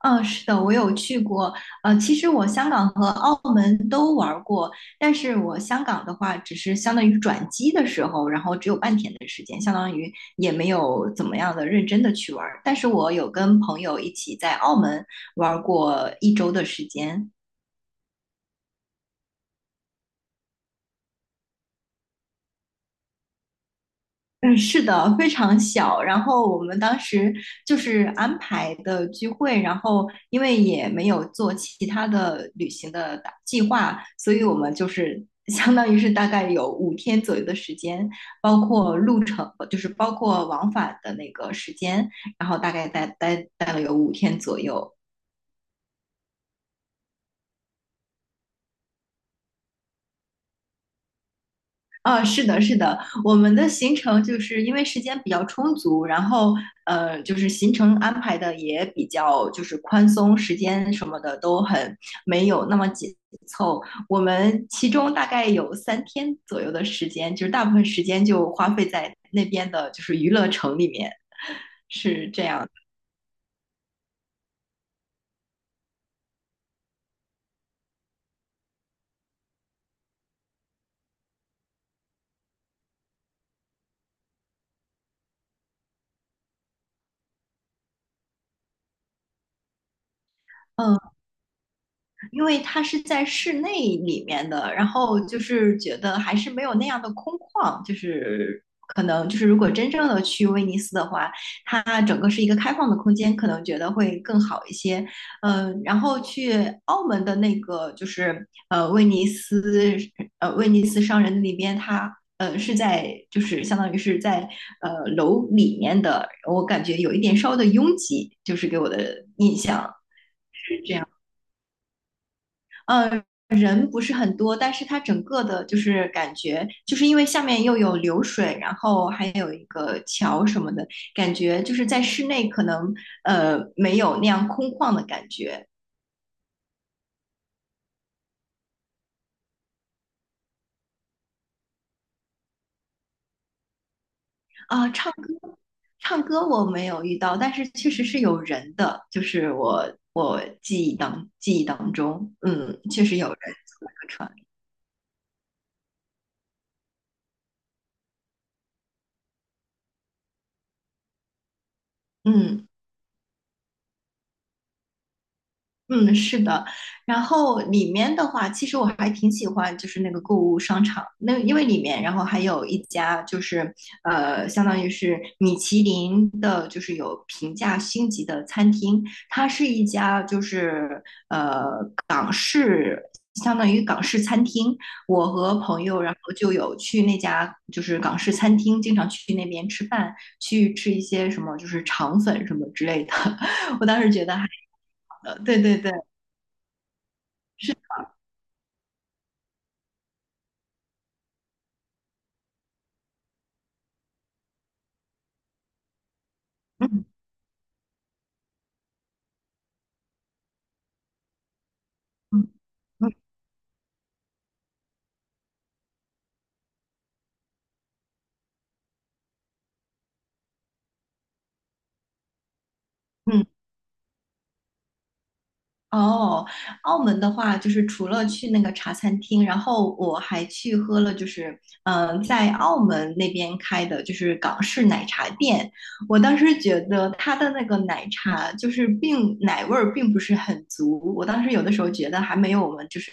嗯，是的，我有去过。其实我香港和澳门都玩儿过，但是我香港的话，只是相当于转机的时候，然后只有半天的时间，相当于也没有怎么样的认真的去玩儿。但是我有跟朋友一起在澳门玩儿过1周的时间。嗯，是的，非常小。然后我们当时就是安排的聚会，然后因为也没有做其他的旅行的打计划，所以我们就是 相当于是大概有五天左右的时间，包括路程，就是包括往返的那个时间，然后大概待了有五天左右。啊，是的，是的，我们的行程就是因为时间比较充足，然后就是行程安排的也比较就是宽松，时间什么的都很没有那么紧凑。我们其中大概有3天左右的时间，就是大部分时间就花费在那边的就是娱乐城里面，是这样。嗯。因为它是在室内里面的，然后就是觉得还是没有那样的空旷，就是可能就是如果真正的去威尼斯的话，它整个是一个开放的空间，可能觉得会更好一些。嗯，然后去澳门的那个就是威尼斯商人那边，它是在就是相当于是在楼里面的，我感觉有一点稍微的拥挤，就是给我的印象是这样。人不是很多，但是它整个的就是感觉，就是因为下面又有流水，然后还有一个桥什么的，感觉就是在室内可能没有那样空旷的感觉。啊，唱歌，我没有遇到，但是确实是有人的，就是我记忆当中，确实有人坐那个船。嗯。嗯，是的，然后里面的话，其实我还挺喜欢，就是那个购物商场，那因为里面，然后还有一家就是相当于是米其林的，就是有评价星级的餐厅，它是一家就是港式，相当于港式餐厅。我和朋友，然后就有去那家就是港式餐厅，经常去那边吃饭，去吃一些什么就是肠粉什么之类的。我当时觉得还，对对对。嗯嗯嗯嗯，哦，澳门的话，就是除了去那个茶餐厅，然后我还去喝了，就是在澳门那边开的，就是港式奶茶店。我当时觉得它的那个奶茶就是奶味儿并不是很足，我当时有的时候觉得还没有我们就是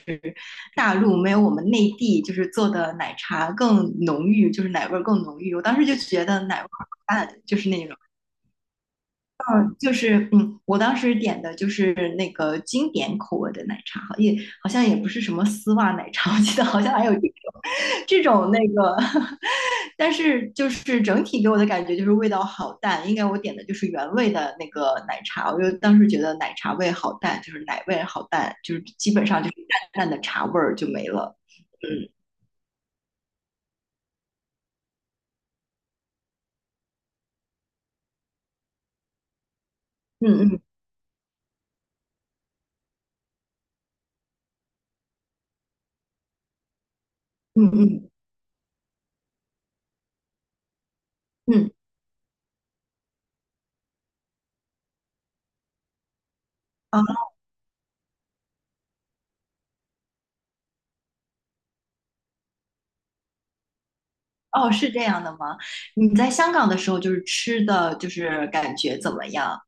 大陆没有我们内地就是做的奶茶更浓郁，就是奶味儿更浓郁。我当时就觉得奶味儿很淡，就是那种。就是我当时点的就是那个经典口味的奶茶，好像也不是什么丝袜奶茶，我记得好像还有这种那个，但是就是整体给我的感觉就是味道好淡，应该我点的就是原味的那个奶茶，我就当时觉得奶茶味好淡，就是奶味好淡，就是基本上就是淡淡的茶味儿就没了。嗯嗯嗯嗯嗯嗯，哦哦，是这样的吗？你在香港的时候就是吃的就是感觉怎么样？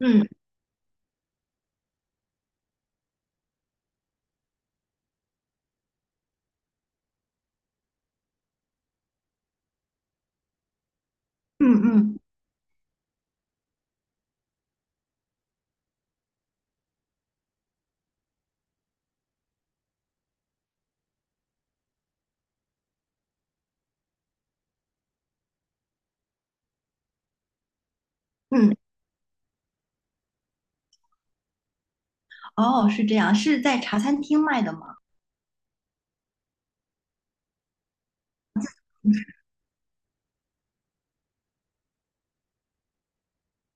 嗯嗯嗯。嗯，哦，是这样，是在茶餐厅卖的吗？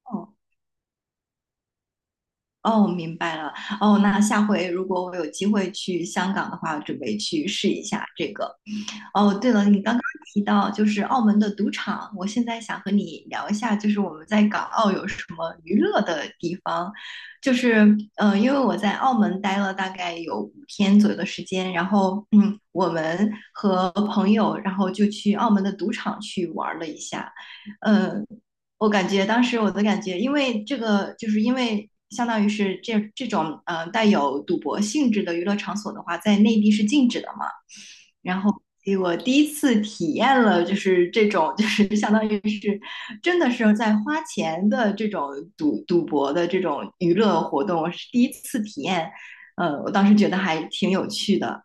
哦，哦，明白了。哦，那下回如果我有机会去香港的话，我准备去试一下这个。哦，对了，你刚刚提到就是澳门的赌场，我现在想和你聊一下，就是我们在港澳有什么娱乐的地方。就是，因为我在澳门待了大概有五天左右的时间，然后，我们和朋友，然后就去澳门的赌场去玩了一下。呃，我感觉当时我的感觉，因为这个，就是因为相当于是这种带有赌博性质的娱乐场所的话，在内地是禁止的嘛。然后所以我第一次体验了，就是这种，就是 相当于是真的是在花钱的这种赌博的这种娱乐活动，我是第一次体验，我当时觉得还挺有趣的。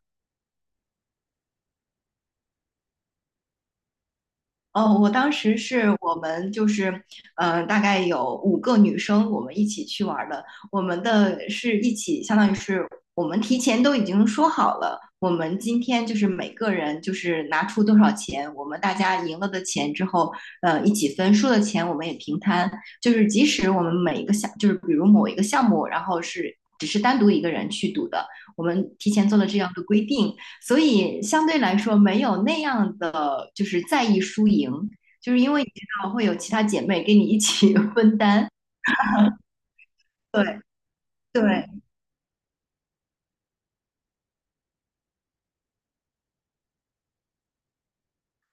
哦，我当时是我们就是，大概有5个女生，我们一起去玩儿的。我们的是一起，相当于是我们提前都已经说好了，我们今天就是每个人就是拿出多少钱，我们大家赢了的钱之后，一起分，输的钱我们也平摊。就是即使我们每一个项，就是比如某一个项目，然后是只是单独一个人去赌的，我们提前做了这样的规定，所以相对来说没有那样的就是在意输赢，就是因为你知道会有其他姐妹跟你一起 分担。对对，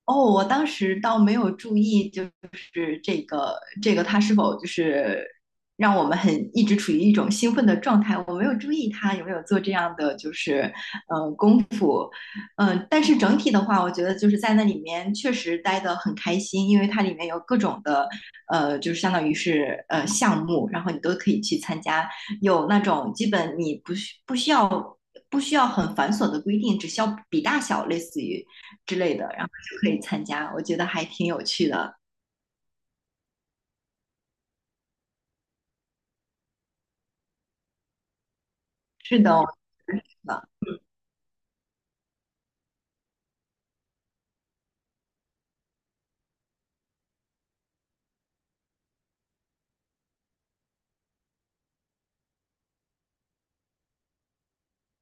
哦，我当时倒没有注意，就是这个它是否就是让我们很一直处于一种兴奋的状态，我没有注意它有没有做这样的就是功夫，但是整体的话，我觉得就是在那里面确实待得很开心，因为它里面有各种的就是相当于是项目，然后你都可以去参加，有那种基本你不需要。不需要很繁琐的规定，只需要比大小，类似于之类的，可以参加，我觉得还挺有趣的。是的，我觉得是的，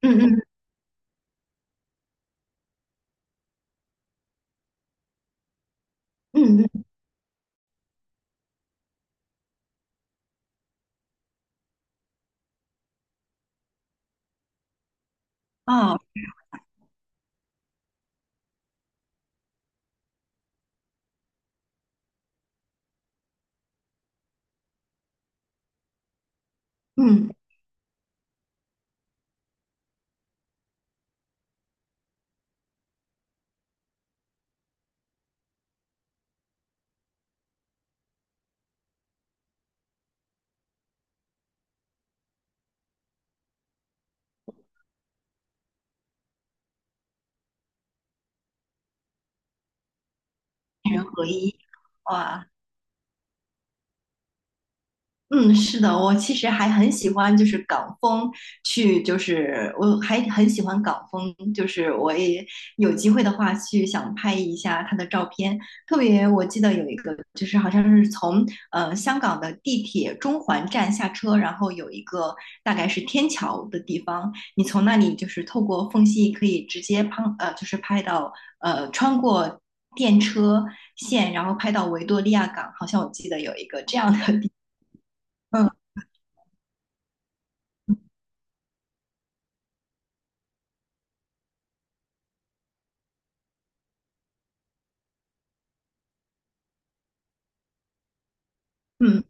嗯嗯嗯嗯，哦，嗯，人合一，哇，嗯，是的，我其实还很喜欢，就是港风去，就是我还很喜欢港风，就是我也有机会的话去想拍一下他的照片。特别我记得有一个，就是好像是从香港的地铁中环站下车，然后有一个大概是天桥的地方，你从那里就是透过缝隙可以直接拍，就是拍到穿过电车线，然后拍到维多利亚港，好像我记得有一个这样的地。嗯，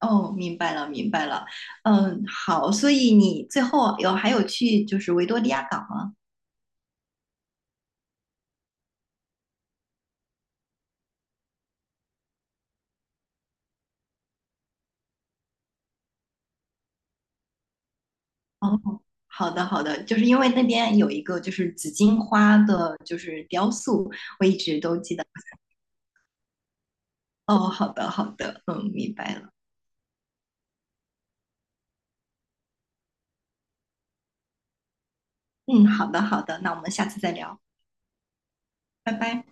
哦，明白了，明白了。嗯，好，所以你最后还有去就是维多利亚港吗？哦，好的，好的，就是因为那边有一个就是紫荆花的，就是雕塑，我一直都记得。哦，好的，好的，嗯，明白了。嗯，好的，好的，那我们下次再聊，拜拜。